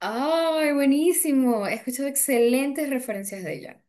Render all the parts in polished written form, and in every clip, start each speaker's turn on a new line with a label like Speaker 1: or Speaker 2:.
Speaker 1: ¡Ay, buenísimo! He escuchado excelentes referencias de ella.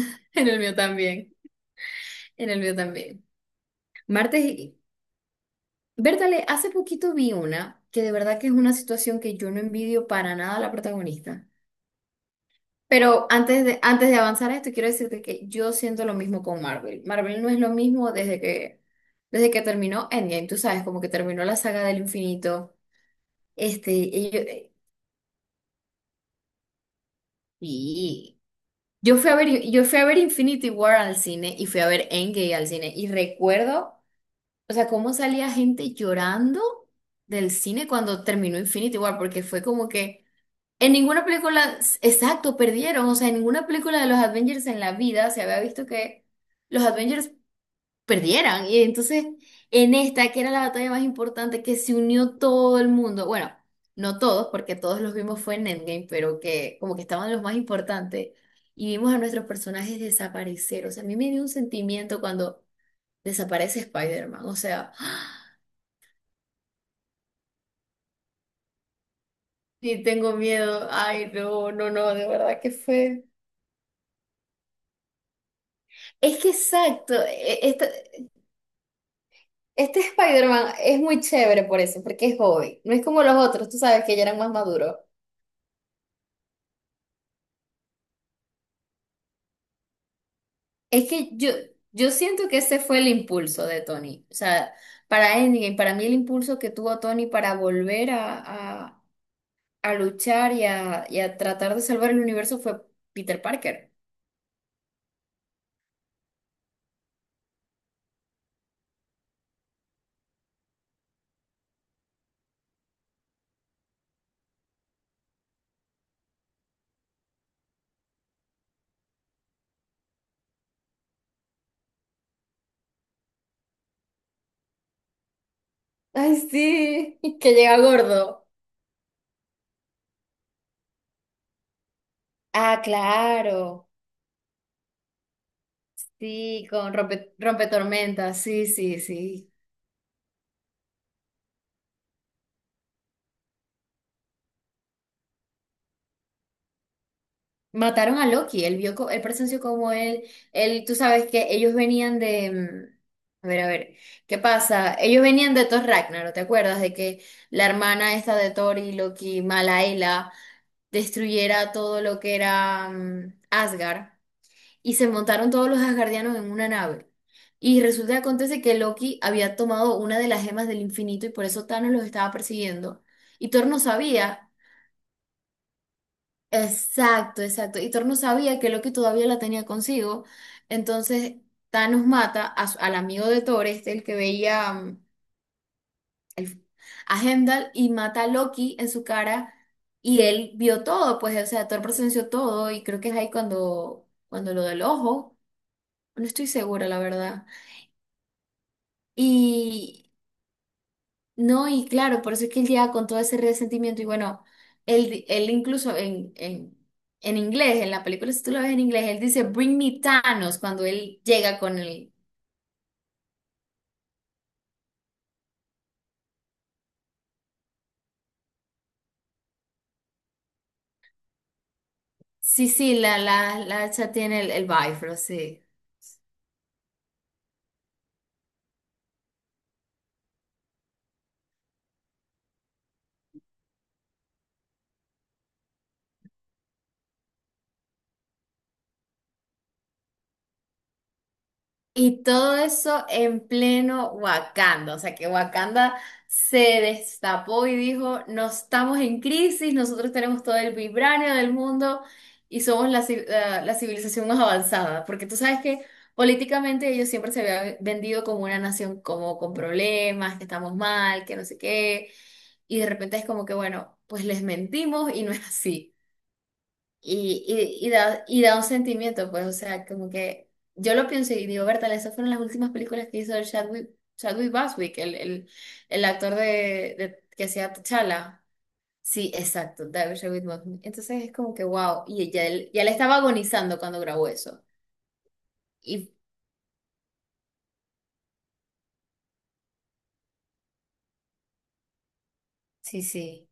Speaker 1: En el mío también. En el mío también. Martes y... Bertale, hace poquito vi una que de verdad que es una situación que yo no envidio para nada a la protagonista. Pero antes de avanzar a esto, quiero decirte que yo siento lo mismo con Marvel. Marvel no es lo mismo desde que terminó Endgame. Tú sabes, como que terminó la saga del infinito. Este, y yo- y- Yo fui a ver, yo fui a ver Infinity War al cine y fui a ver Endgame al cine y recuerdo, o sea, cómo salía gente llorando del cine cuando terminó Infinity War, porque fue como que en ninguna película, exacto, perdieron, o sea, en ninguna película de los Avengers en la vida se había visto que los Avengers perdieran. Y entonces, en esta, que era la batalla más importante, que se unió todo el mundo, bueno, no todos, porque todos los vimos fue en Endgame, pero que como que estaban los más importantes, y vimos a nuestros personajes desaparecer. O sea, a mí me dio un sentimiento cuando desaparece Spider-Man, o sea, ¡ah! Sí, tengo miedo, ay, no, no, no, de verdad que fue. Es que exacto, este Spider-Man es muy chévere por eso, porque es joven. No es como los otros, tú sabes que ya eran más maduros. Es que yo siento que ese fue el impulso de Tony. O sea, para Endgame, para mí el impulso que tuvo Tony para volver a luchar y a tratar de salvar el universo fue Peter Parker. Ay, sí, que llega gordo. Ah, claro. Sí, con rompe, tormenta, Sí, sí, sí. Mataron a Loki, él vio, él presenció como él, tú sabes que ellos venían de, a ver, ¿qué pasa? Ellos venían de Thor Ragnarok, ¿te acuerdas? De que la hermana esta de Thor y Loki, Malaela, destruyera todo lo que era Asgard, y se montaron todos los asgardianos en una nave. Y resulta que acontece que Loki había tomado una de las gemas del infinito y por eso Thanos los estaba persiguiendo. Y Thor no sabía. Exacto, exacto. Y Thor no sabía que Loki todavía la tenía consigo. Entonces Thanos mata al amigo de Thor, este, el que veía, el- a Heimdall, y mata a Loki en su cara. Y él vio todo, pues, o sea, Thor presenció todo. Y creo que es ahí cuando, cuando lo del ojo. No estoy segura, la verdad. No, y claro, por eso es que él llega con todo ese resentimiento y bueno, él, él incluso en inglés, en la película, si tú lo ves en inglés, él dice, "Bring me Thanos", cuando él llega con el... Sí, sí, la hacha tiene el Bifrost, sí. Y todo eso en pleno Wakanda, o sea que Wakanda se destapó y dijo, no estamos en crisis, nosotros tenemos todo el vibranio del mundo y somos la, la civilización más avanzada, porque tú sabes que políticamente ellos siempre se habían vendido como una nación como con problemas, que estamos mal, que no sé qué, y de repente es como que, bueno, pues les mentimos y no es así. Y, y da un sentimiento, pues, o sea, como que yo lo pienso y digo, Bertal, esas fueron las últimas películas que hizo el Chadwick, Chadwick Boswick, el actor de, que hacía T'Challa. Sí, exacto, David Chadwick Boseman. Entonces es como que, wow, y ya él, ya le estaba agonizando cuando grabó eso. Y sí, sí,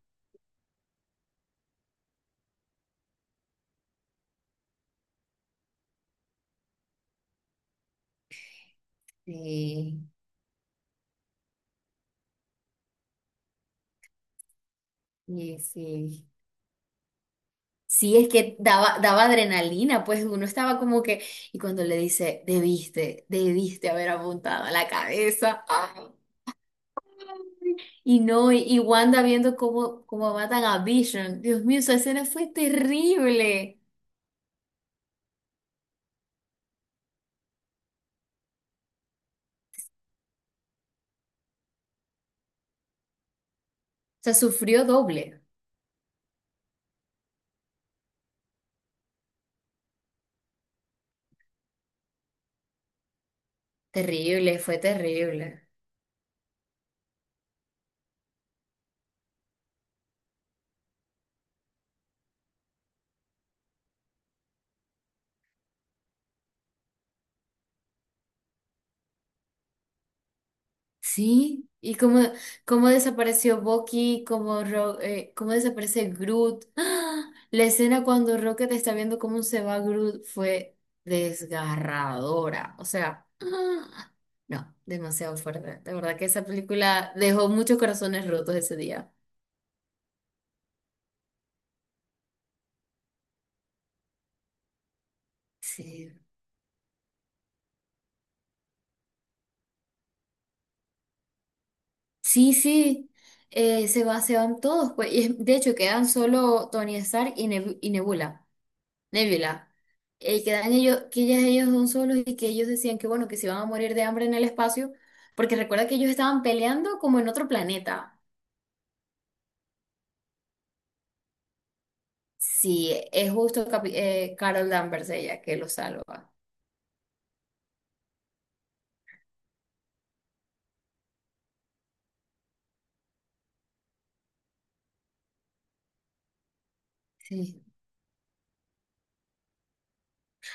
Speaker 1: sí, y sí. Sí, es que daba, daba adrenalina, pues uno estaba como que, y cuando le dice, debiste, debiste haber apuntado a la cabeza. ¡Ah! Y no, y Wanda viendo cómo, cómo matan a Vision. Dios mío, esa escena fue terrible. O sea, sufrió doble. Terrible, fue terrible. Sí, y cómo, cómo desapareció Bucky, cómo, cómo desaparece Groot. ¡Ah! La escena cuando Rocket está viendo cómo se va Groot fue desgarradora. O sea, ¡ah! No, demasiado fuerte. De verdad que esa película dejó muchos corazones rotos ese día. Sí. Sí, sí, se va, se van todos, pues, de hecho quedan solo Tony Stark y, y Nebula, Nebula. Quedan ellos, que ellas, ellos son solos y que ellos decían que bueno, que se iban a morir de hambre en el espacio, porque recuerda que ellos estaban peleando como en otro planeta. Sí, es justo Carol Danvers ella que lo salva. Sí.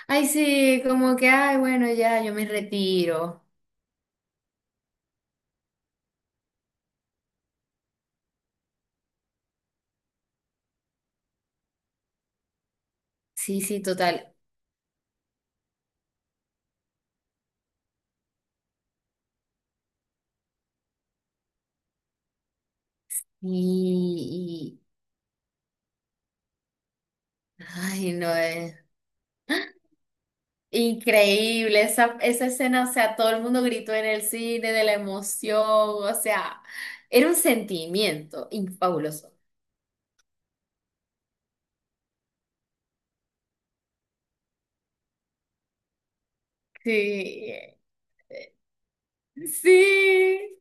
Speaker 1: Ay, sí, como que, ay, bueno, ya, yo me retiro. Sí, sí, total. Y, ay, no, es. Increíble, esa escena, o sea, todo el mundo gritó en el cine de la emoción, o sea, era un sentimiento fabuloso. Sí, sí,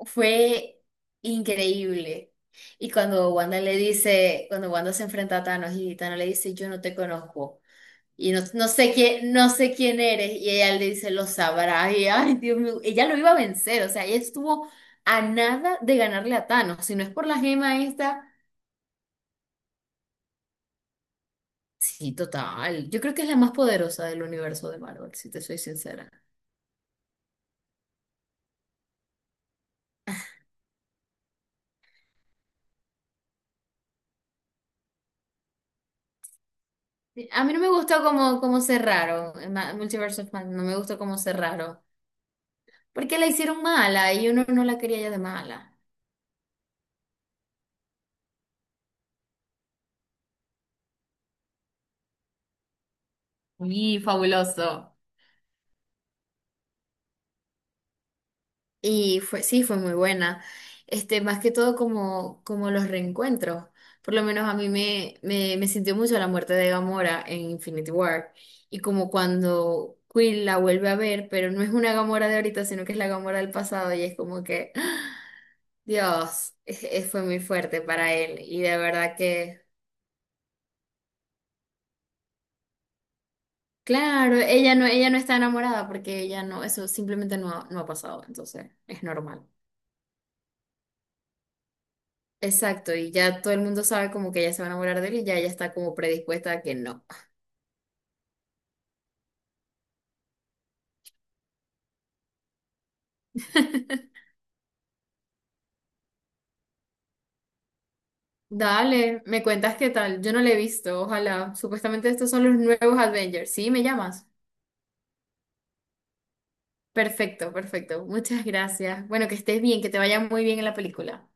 Speaker 1: fue increíble. Y cuando Wanda le dice, cuando Wanda se enfrenta a Thanos y Thanos le dice, yo no te conozco y no, no sé quién, no sé quién eres, y ella le dice, lo sabrás, y ay, Dios mío, ella lo iba a vencer, o sea, ella estuvo a nada de ganarle a Thanos, si no es por la gema esta. Sí, total. Yo creo que es la más poderosa del universo de Marvel, si te soy sincera. Sí, a mí no me gustó cómo, cómo cerraron, en Multiverse of Madness, no me gustó cómo cerraron, porque la hicieron mala y uno no la quería ya de mala. Y fabuloso. Y fue, sí, fue muy buena. Este, más que todo como, como los reencuentros. Por lo menos a mí me, me, me sintió mucho la muerte de Gamora en Infinity War. Y como cuando Quill la vuelve a ver, pero no es una Gamora de ahorita, sino que es la Gamora del pasado. Y es como que, ¡ah! Dios, fue muy fuerte para él. Y de verdad que, claro, ella no está enamorada porque ella no, eso simplemente no, no ha pasado. Entonces, es normal. Exacto, y ya todo el mundo sabe como que ella se va a enamorar de él y ya ella está como predispuesta a que no. Dale, me cuentas qué tal. Yo no le he visto, ojalá. Supuestamente estos son los nuevos Avengers. ¿Sí? ¿Me llamas? Perfecto, perfecto. Muchas gracias. Bueno, que estés bien, que te vaya muy bien en la película.